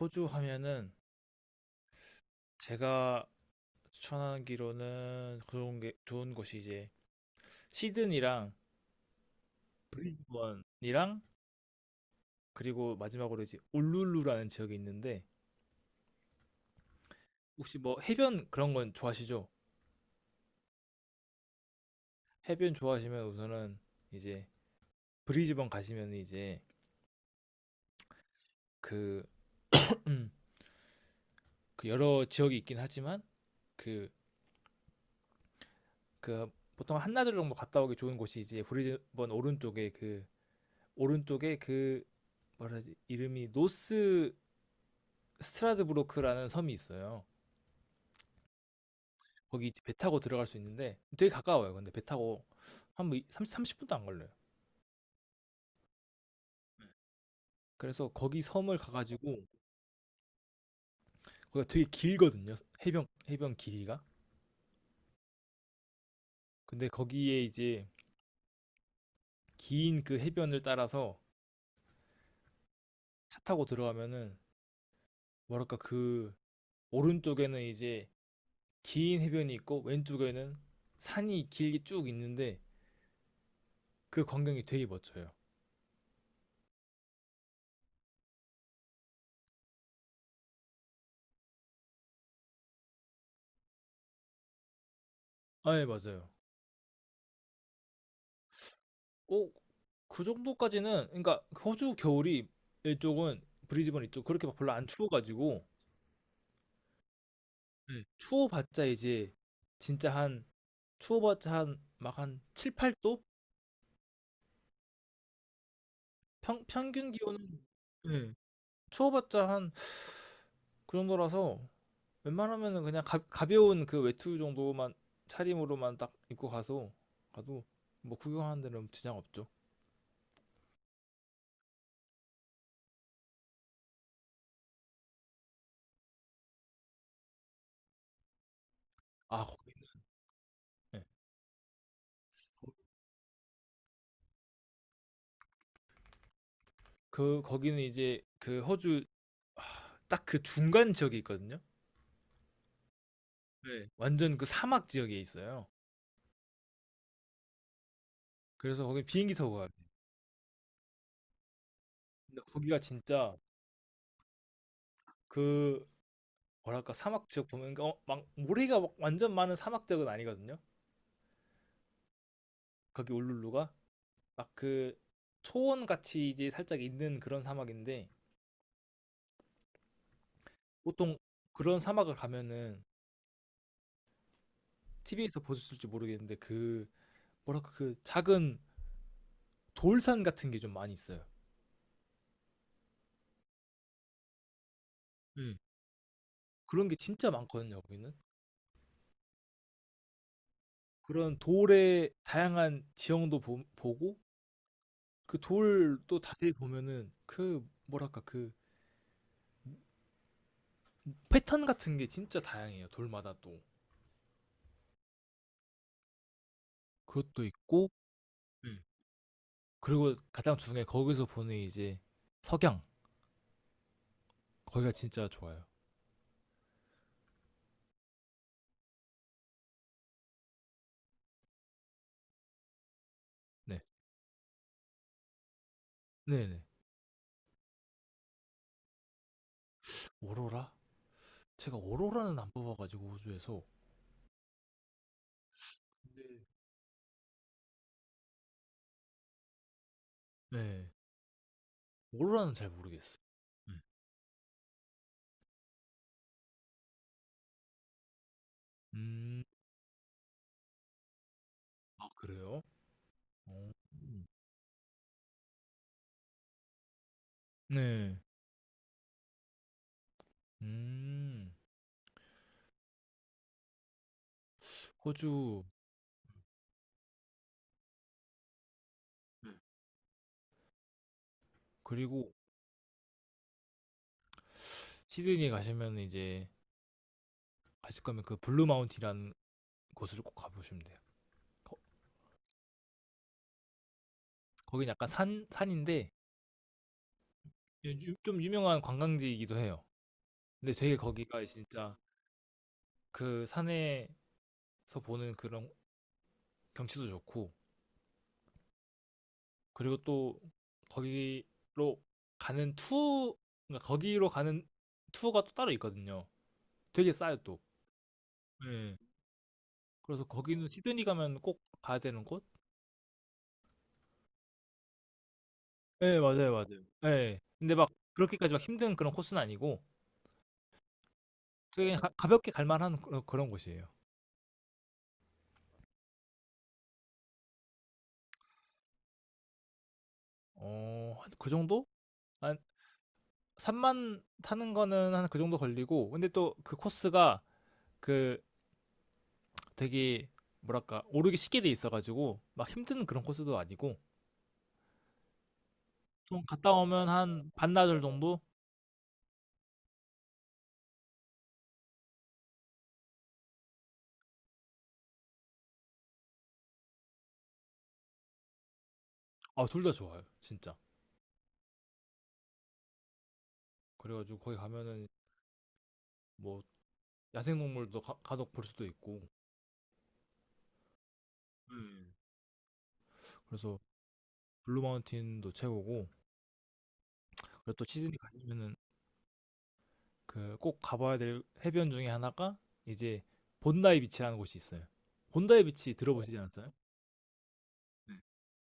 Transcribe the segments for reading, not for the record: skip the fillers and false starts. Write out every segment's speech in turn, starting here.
호주 하면은 제가 추천하기로는 좋은 곳이 시드니랑 브리즈번이랑 그리고 마지막으로 울룰루라는 지역이 있는데 혹시 뭐 해변 그런 건 좋아하시죠? 해변 좋아하시면 우선은 이제 브리즈번 가시면 그, 음, 여러 지역이 있긴 하지만 그, 그 보통 한나절 정도 갔다 오기 좋은 곳이 이제 브리즈번 오른쪽에 그 뭐라 하지 이름이 노스 스트라드부르크라는 섬이 있어요. 거기 이제 배 타고 들어갈 수 있는데 되게 가까워요. 근데 배 타고 한뭐 30, 분도 안 걸려요. 그래서 거기 섬을 가가지고 거기가 되게 길거든요. 해변 길이가. 근데 거기에 이제 긴 그 해변을 따라서 차 타고 들어가면은 뭐랄까 그 오른쪽에는 이제 긴 해변이 있고 왼쪽에는 산이 길게 쭉 있는데 그 광경이 되게 멋져요. 아, 예, 맞아요. 어, 그 정도까지는 그러니까 호주 겨울이 이쪽은 브리즈번 이쪽 그렇게 막 별로 안 추워가지고. 네. 추워봤자 이제 진짜 한 추워봤자 한 막 한 7, 8도? 평균 기온은 네. 추워봤자 한 그 정도라서 웬만하면은 그냥 가벼운 그 외투 정도만 차림으로만 딱 입고 가서 가도 뭐 구경하는 데는 지장 없죠. 아, 거기는 네. 거기는 이제 그 호주 딱 그 중간 지역이 있거든요. 네. 완전 그 사막 지역에 있어요. 그래서 거기 비행기 타고 가야 돼요. 근데 거기가 진짜 그 뭐랄까 사막 지역 보면 그러니까 막 모래가 막 완전 많은 사막 지역은 아니거든요. 거기 울룰루가 막 그 초원 같이 이제 살짝 있는 그런 사막인데 보통 그런 사막을 가면은 TV에서 보셨을지 모르겠는데 그 뭐랄까 그 작은 돌산 같은 게 좀 많이 있어요. 네. 그런 게 진짜 많거든요, 거기는. 그런 돌의 다양한 지형도 보고 그 돌 또 자세히 보면은 그 뭐랄까 그 패턴 같은 게 진짜 다양해요. 돌마다 또. 그것도 있고. 네. 그리고 가장 중요해 거기서 보는 이제 석양. 거기가 진짜 좋아요. 네. 네 네. 오로라? 제가 오로라는 안 뽑아가지고 호주에서. 네. 네. 오로라는 잘 모르겠어요. 음. 음. 아 그래요? 어. 네. 음. 호주 그리고 시드니 가시면 이제 가실 거면 그 블루 마운틴이라는 곳을 꼭 가보시면 돼요. 거, 거긴 약간 산 산인데 좀 유명한 관광지이기도 해요. 근데 되게 거기가 진짜 그 산에서 보는 그런 경치도 좋고 그리고 또 거기로 가는 투 거기로 가는 투어가 또 따로 있거든요. 되게 싸요 또. 예. 그래서 거기는 시드니 가면 꼭 가야 되는 곳? 예, 맞아요, 맞아요. 예. 근데 막 그렇게까지 막 힘든 그런 코스는 아니고 되게 볍게 갈만한 그런 곳이에요. 어, 한그 정도? 한 산만 타는 거는 한 그 정도 걸리고 근데 또 그 코스가 그 되게 뭐랄까 오르기 쉽게 돼 있어 가지고 막 힘든 그런 코스도 아니고 좀 갔다 오면 한 반나절 정도? 아 둘 다 좋아요. 진짜. 그래 가지고 거기 가면은 뭐 야생동물도 득볼 수도 있고. 음. 그래서 블루마운틴도 최고고 그리고 또 시드니 가시면은 그 꼭 가봐야 될 해변 중에 하나가 이제 본다이 비치라는 곳이 있어요. 본다이 비치 들어보시지 않았어요?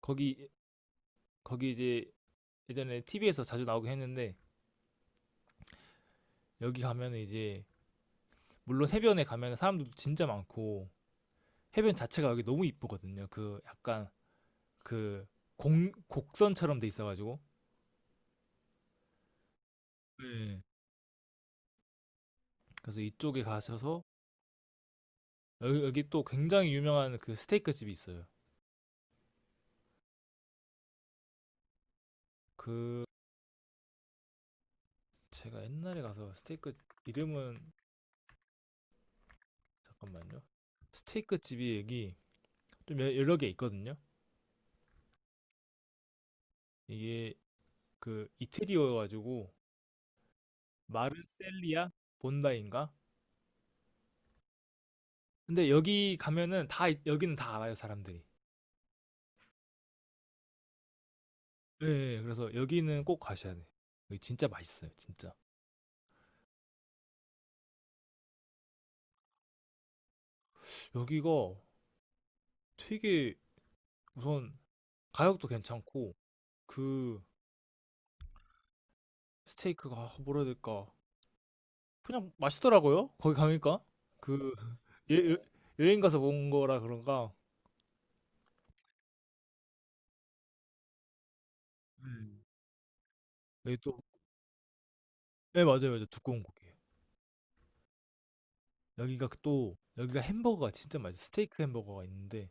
거기 거기 이제 예전에 TV에서 자주 나오긴 했는데 여기 가면은 이제 물론 해변에 가면 사람들도 진짜 많고 해변 자체가 여기 너무 이쁘거든요. 그 약간 그 곡선처럼 돼 있어가지고. 네. 그래서 이쪽에 가셔서 여기 또 굉장히 유명한 그 스테이크 집이 있어요. 그 제가 옛날에 가서 스테이크 이름은 잠깐만요. 스테이크 집이 여기 좀 여러 개 있거든요. 이게 그 이태리어여가지고 마르셀리아 본다인가. 근데 여기 가면은 다 여기는 다 알아요, 사람들이. 예, 예, 예. 그래서 여기는 꼭 가셔야 돼. 여기 진짜 맛있어요, 진짜. 여기가 되게 우선 가격도 괜찮고 그 스테이크가 아, 뭐라 해야 될까? 그냥 맛있더라고요. 거기 가니까 그 예, 행 가서 먹은 거라 그런가. 음. 여기 또 네, 맞아요, 맞아요. 두꺼운 고기예요. 여기가 그 또 여기가 햄버거가 진짜 맛있어요. 스테이크 햄버거가 있는데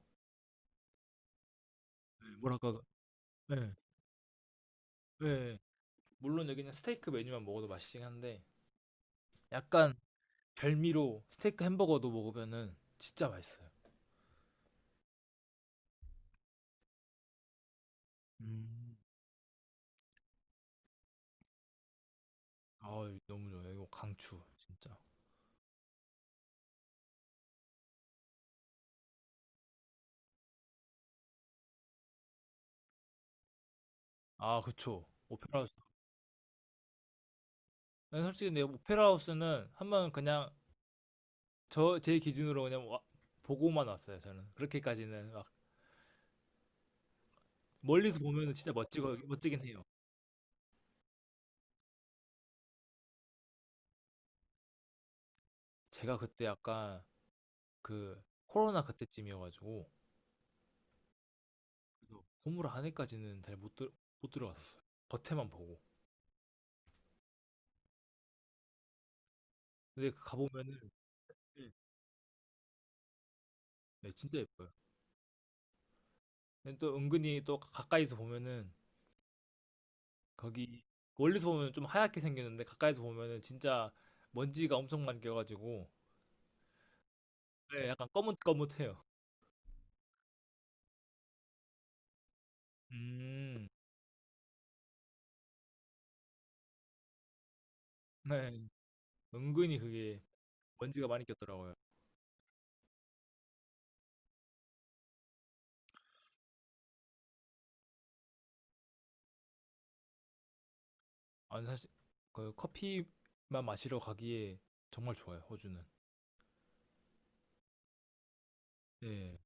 네, 뭐랄까 네, 네 물론 여기는 스테이크 메뉴만 먹어도 맛있긴 한데 약간 별미로 스테이크 햄버거도 먹으면은 진짜 맛있어요. 음. 아 너무 좋아요. 이거 강추 진짜. 아 그쵸. 오페라 하우스. 난 솔직히 근데 오페라 하우스는 한 번 그냥 저 제 기준으로 그냥 보고만 왔어요. 저는 그렇게까지는 막 멀리서 보면은 진짜 멋지고 멋지긴 해요. 제가 그때 약간 그 코로나 그때쯤이어가지고 그래서 건물 안에까지는 잘 못 들어 못 들어갔었어요. 겉에만 보고. 근데 가보면은 네, 진짜 예뻐요. 또 은근히 또 가까이서 보면은 거기 멀리서 보면 좀 하얗게 생겼는데 가까이서 보면은 진짜 먼지가 엄청 많이 껴가지고 네, 약간 거뭇거뭇해요. 음, 네. 은근히 그게 먼지가 많이 꼈더라고요. 아니 사실 그 커피만 마시러 가기에 정말 좋아요, 호주는. 네.